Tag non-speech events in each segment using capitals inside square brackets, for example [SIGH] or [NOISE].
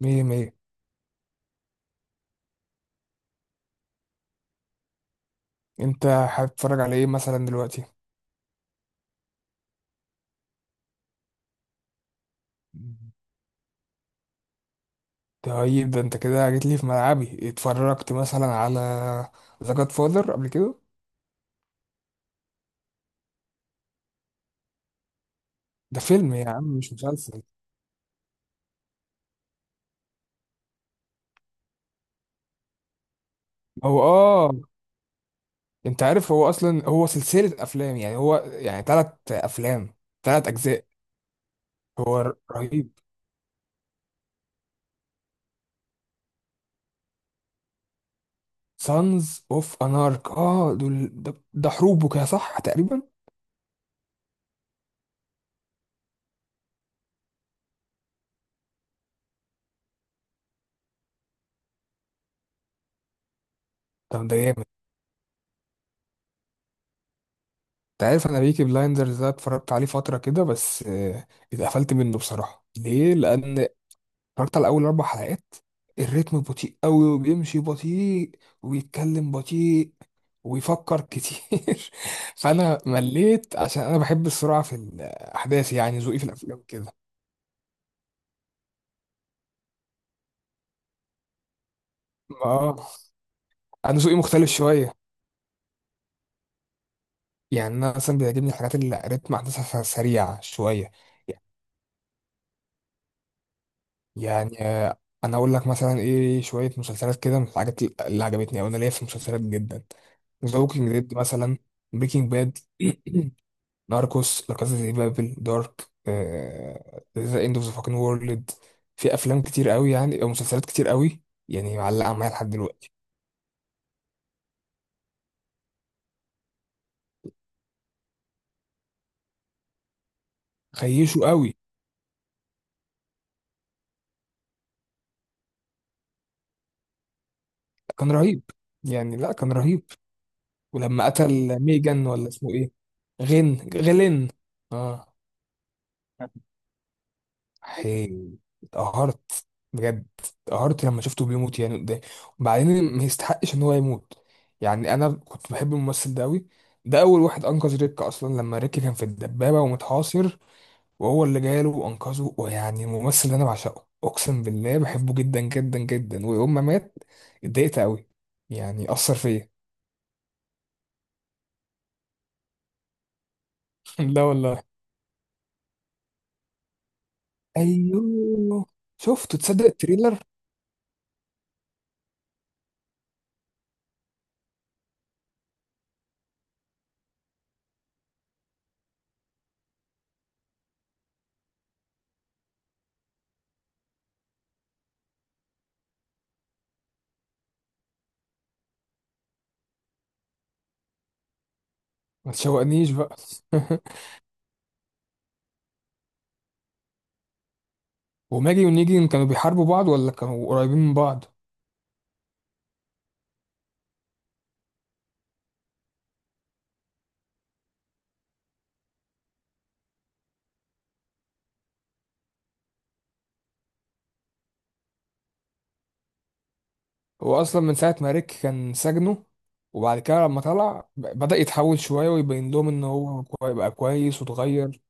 مية مية. انت حابب تتفرج على ايه مثلا دلوقتي؟ طيب ده انت كده جيت لي في ملعبي اتفرجت مثلا على ذا جاد فاذر قبل كده. ده فيلم يا عم مش مسلسل. هو اه. انت عارف هو اصلا هو سلسلة افلام يعني هو يعني تلات افلام تلات اجزاء. هو رهيب. سانز اوف انارك دول ده حروب وكده صح تقريبا. طب ده جامد. انت عارف انا بيكي بلايندرز ده اتفرجت عليه فترة كده بس اتقفلت منه بصراحة ليه، لان اتفرجت على اول اربع حلقات. الريتم بطيء قوي وبيمشي بطيء وبيتكلم بطيء ويفكر كتير [LAUGHS] فانا مليت عشان انا بحب السرعه في الاحداث، يعني ذوقي في الافلام كده. اه، انا ذوقي مختلف شويه. يعني انا مثلا بيعجبني الحاجات اللي ريتم احداثها سريع شويه. يعني انا اقول لك مثلا ايه، شويه مسلسلات كده من الحاجات اللي عجبتني او انا ليا في المسلسلات جدا. ذا ووكينج ديد مثلا. بريكنج باد [CLEARS THROAT] ناركوس، لا كاسا دي بابل، دارك. ذا اند اوف ذا فاكن وورلد. في افلام كتير قوي يعني او مسلسلات كتير قوي يعني معلقه معايا لحد دلوقتي. خيشه قوي. كان رهيب، يعني لا كان رهيب. ولما قتل ميجان ولا اسمه ايه، غين غلين. اه. هي اتقهرت بجد، اتقهرت لما شفته بيموت يعني قدامي. وبعدين ما يستحقش ان هو يموت. يعني انا كنت بحب الممثل ده قوي. ده اول واحد انقذ ريك اصلا لما ريك كان في الدبابه ومتحاصر، وهو اللي جاله وانقذه، ويعني الممثل ده انا بعشقه، اقسم بالله بحبه جدا جدا جدا، ويوم ما مات اتضايقت قوي، يعني اثر فيا. [LAUGHS] لا والله. ايوه، شفته، تصدق التريلر؟ ما تشوقنيش بقى. [LAUGHS] وماجي ونيجي كانوا بيحاربوا بعض ولا كانوا قريبين من بعض؟ هو اصلا من ساعه ما ريك كان سجنه، وبعد كده لما طلع بدأ يتحول شويه ويبين لهم ان هو بقى كويس واتغير.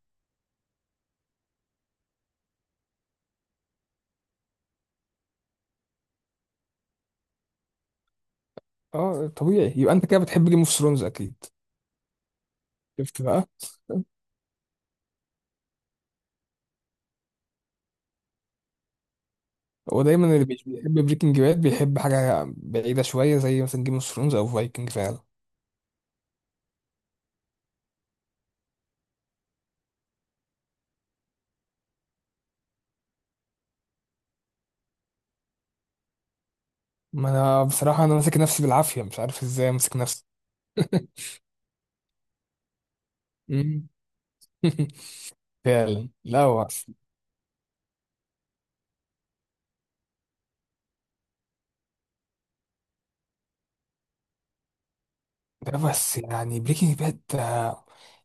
اه طبيعي، يبقى انت كده بتحب جيم اوف ثرونز اكيد. شفت بقى. [LAUGHS] هو دايما اللي بيحب بريكنج باد بيحب حاجه بعيده شويه زي مثلا جيم اوف ثرونز او فايكنج فعلا. ما انا بصراحه انا ماسك نفسي بالعافيه، مش عارف ازاي ماسك نفسي. [LAUGHS] مم. [LAUGHS] فعلا، لا هو ده بس يعني بريكنج باد،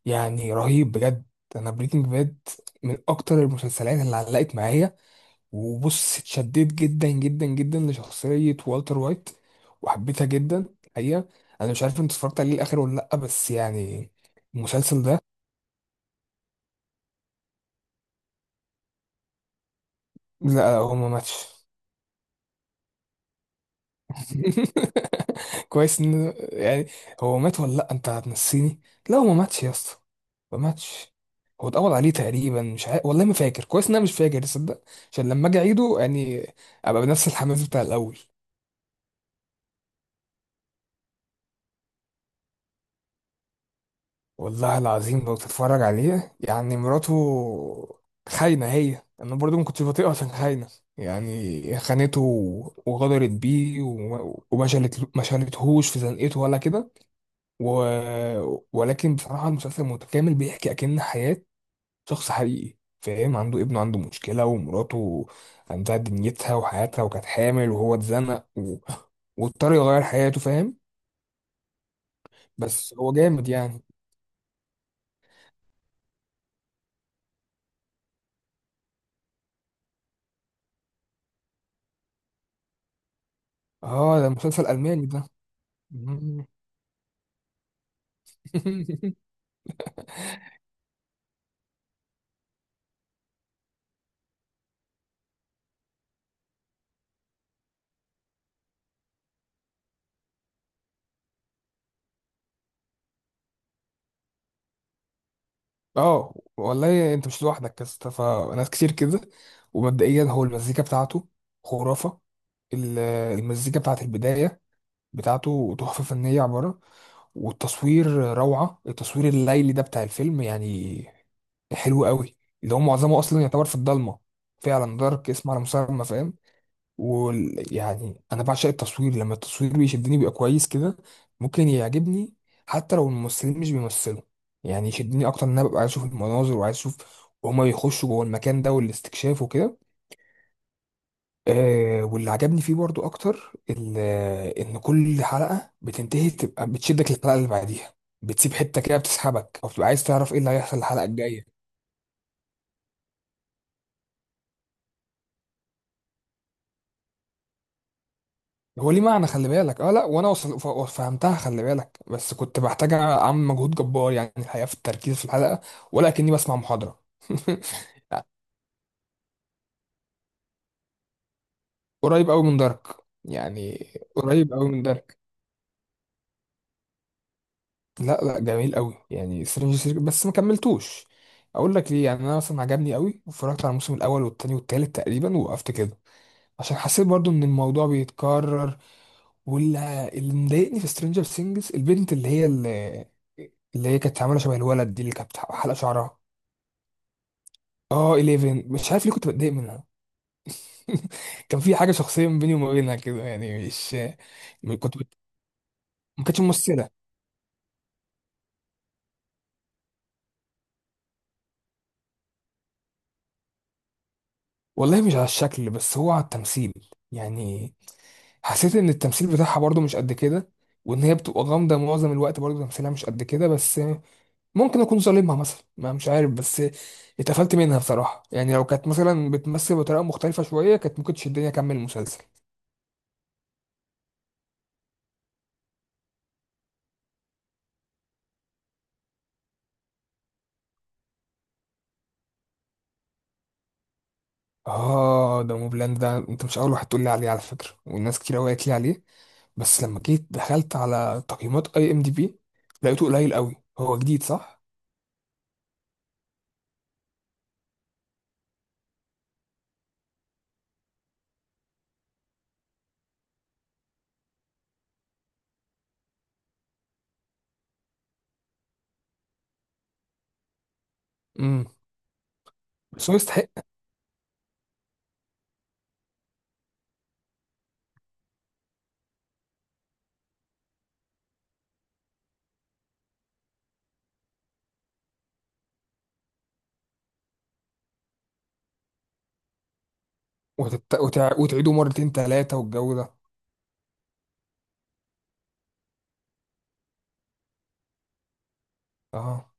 يعني رهيب بجد. انا بريكنج باد من اكتر المسلسلات اللي علقت معايا. وبص اتشددت جدا جدا جدا لشخصية والتر وايت، وحبيتها جدا الحقيقة. انا مش عارف انت اتفرجت عليه الاخر ولا لا، بس يعني المسلسل ده، لا هو ما ماتش. [LAUGHS] كويس ان يعني، هو مات ولا لا، انت هتنسيني. لا هو ما ماتش يا اسطى، ما ماتش. هو اتقبض عليه تقريبا، مش عارف والله، ما فاكر كويس، ان انا مش فاكر تصدق. عشان لما اجي اعيده يعني ابقى بنفس الحماس بتاع الاول. والله العظيم لو تتفرج عليه يعني مراته خاينه، هي انا برضو ما كنتش بطيقها عشان خاينه، يعني خانته وغدرت بيه وما وما شالت ما شالتهوش في زنقته ولا كده و... ولكن بصراحة المسلسل متكامل بيحكي أكن حياة شخص حقيقي، فاهم؟ عنده ابنه عنده مشكلة، ومراته عندها دنيتها وحياتها وكانت حامل، وهو اتزنق [GASPS] واضطر يغير حياته، فاهم؟ بس هو جامد يعني. اه ده مسلسل ألماني ده. مم. [LAUGHS] اه والله انت مش لوحدك يا اسطى، فناس كتير كده. ومبدئيا هو المزيكا بتاعته خرافة. ال- المزيكا بتاعت البداية بتاعته تحفة فنية عبارة. والتصوير، روعة التصوير الليلي ده بتاع الفيلم، يعني حلو قوي. اللي هو معظمه اصلا يعتبر في الضلمة. فعلا دارك اسم على مسمى، فاهم؟ ويعني انا بعشق التصوير، لما التصوير بيشدني بيبقى كويس كده ممكن يعجبني، حتى لو الممثلين مش بيمثلوا. يعني يشدني اكتر ان انا ببقى عايز اشوف المناظر، وعايز اشوف وهما بيخشوا جوه المكان ده والاستكشاف وكده. واللي عجبني فيه برضو اكتر ان كل حلقه بتنتهي تبقى بتشدك للحلقه اللي بعديها. بتسيب حته كده بتسحبك، او بتبقى عايز تعرف ايه اللي هيحصل الحلقه الجايه. هو ليه معنى، خلي بالك، اه لا وانا وصل فهمتها، خلي بالك، بس كنت بحتاج اعمل مجهود جبار يعني، الحقيقه في التركيز في الحلقه، ولا كاني بسمع محاضره. [LAUGHS] قريب قوي من دارك يعني. قريب قوي من دارك. لا لا جميل قوي يعني سترينجر ثينجز، بس ما كملتوش. اقول لك ليه، يعني انا مثلا عجبني قوي واتفرجت على الموسم الاول والتاني والتالت تقريبا ووقفت كده، عشان حسيت برضو ان الموضوع بيتكرر. واللي مضايقني في سترينجر ثينجز البنت اللي هي كانت عامله شبه الولد دي، اللي كانت حلقه شعرها اه 11 مش عارف ليه كنت بتضايق منها. [LAUGHS] كان في حاجه شخصيه ما بيني وما بينها كده يعني، مش كنت ما كانتش ممثله. والله مش على الشكل، بس هو على التمثيل. يعني حسيت ان التمثيل بتاعها برضو مش قد كده، وان هي بتبقى غامضه معظم الوقت، برضو تمثيلها مش قد كده، بس ممكن اكون ظالمها مثلا ما مش عارف، بس اتقفلت منها بصراحه، يعني لو كانت مثلا بتمثل بطريقه مختلفه شويه كانت ممكن تشدني اكمل المسلسل. اه ده موبلاند ده، انت مش اول واحد تقول لي عليه على فكره، والناس كتير قوي قالت لي عليه. بس لما جيت دخلت على تقييمات IMDB لقيته قليل قوي، هو جديد صح؟ امم. بس هو يستحق. وتعيده مرتين ثلاثه والجو ده. اه.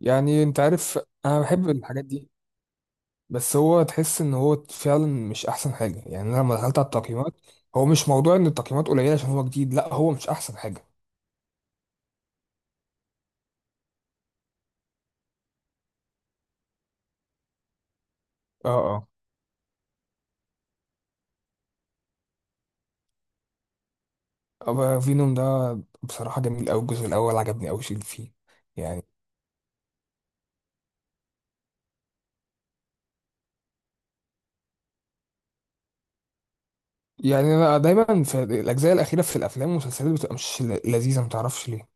يعني انت عارف انا بحب الحاجات دي، بس هو تحس ان هو فعلا مش احسن حاجه، يعني انا لما دخلت على التقييمات، هو مش موضوع ان التقييمات قليله عشان هو جديد، لا هو مش احسن حاجه. اه، اه. أبقى فينوم ده بصراحه جميل قوي، الجزء الاول عجبني قوي اللي فيه. يعني يعني انا دايما في الاجزاء الاخيره في الافلام والمسلسلات بتبقى مش لذيذه ما تعرفش ليه.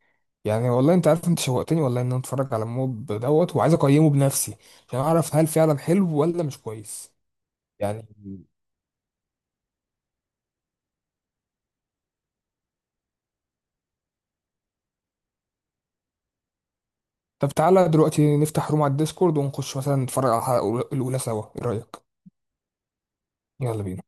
يعني والله انت عارف انت شوقتني والله ان انا اتفرج على موب دوت وعايز اقيمه بنفسي عشان اعرف هل فعلا حلو ولا مش كويس. يعني طب تعالى دلوقتي نفتح روم على الديسكورد ونخش مثلا نتفرج على الحلقة الأولى سوا، إيه رأيك؟ يلا بينا.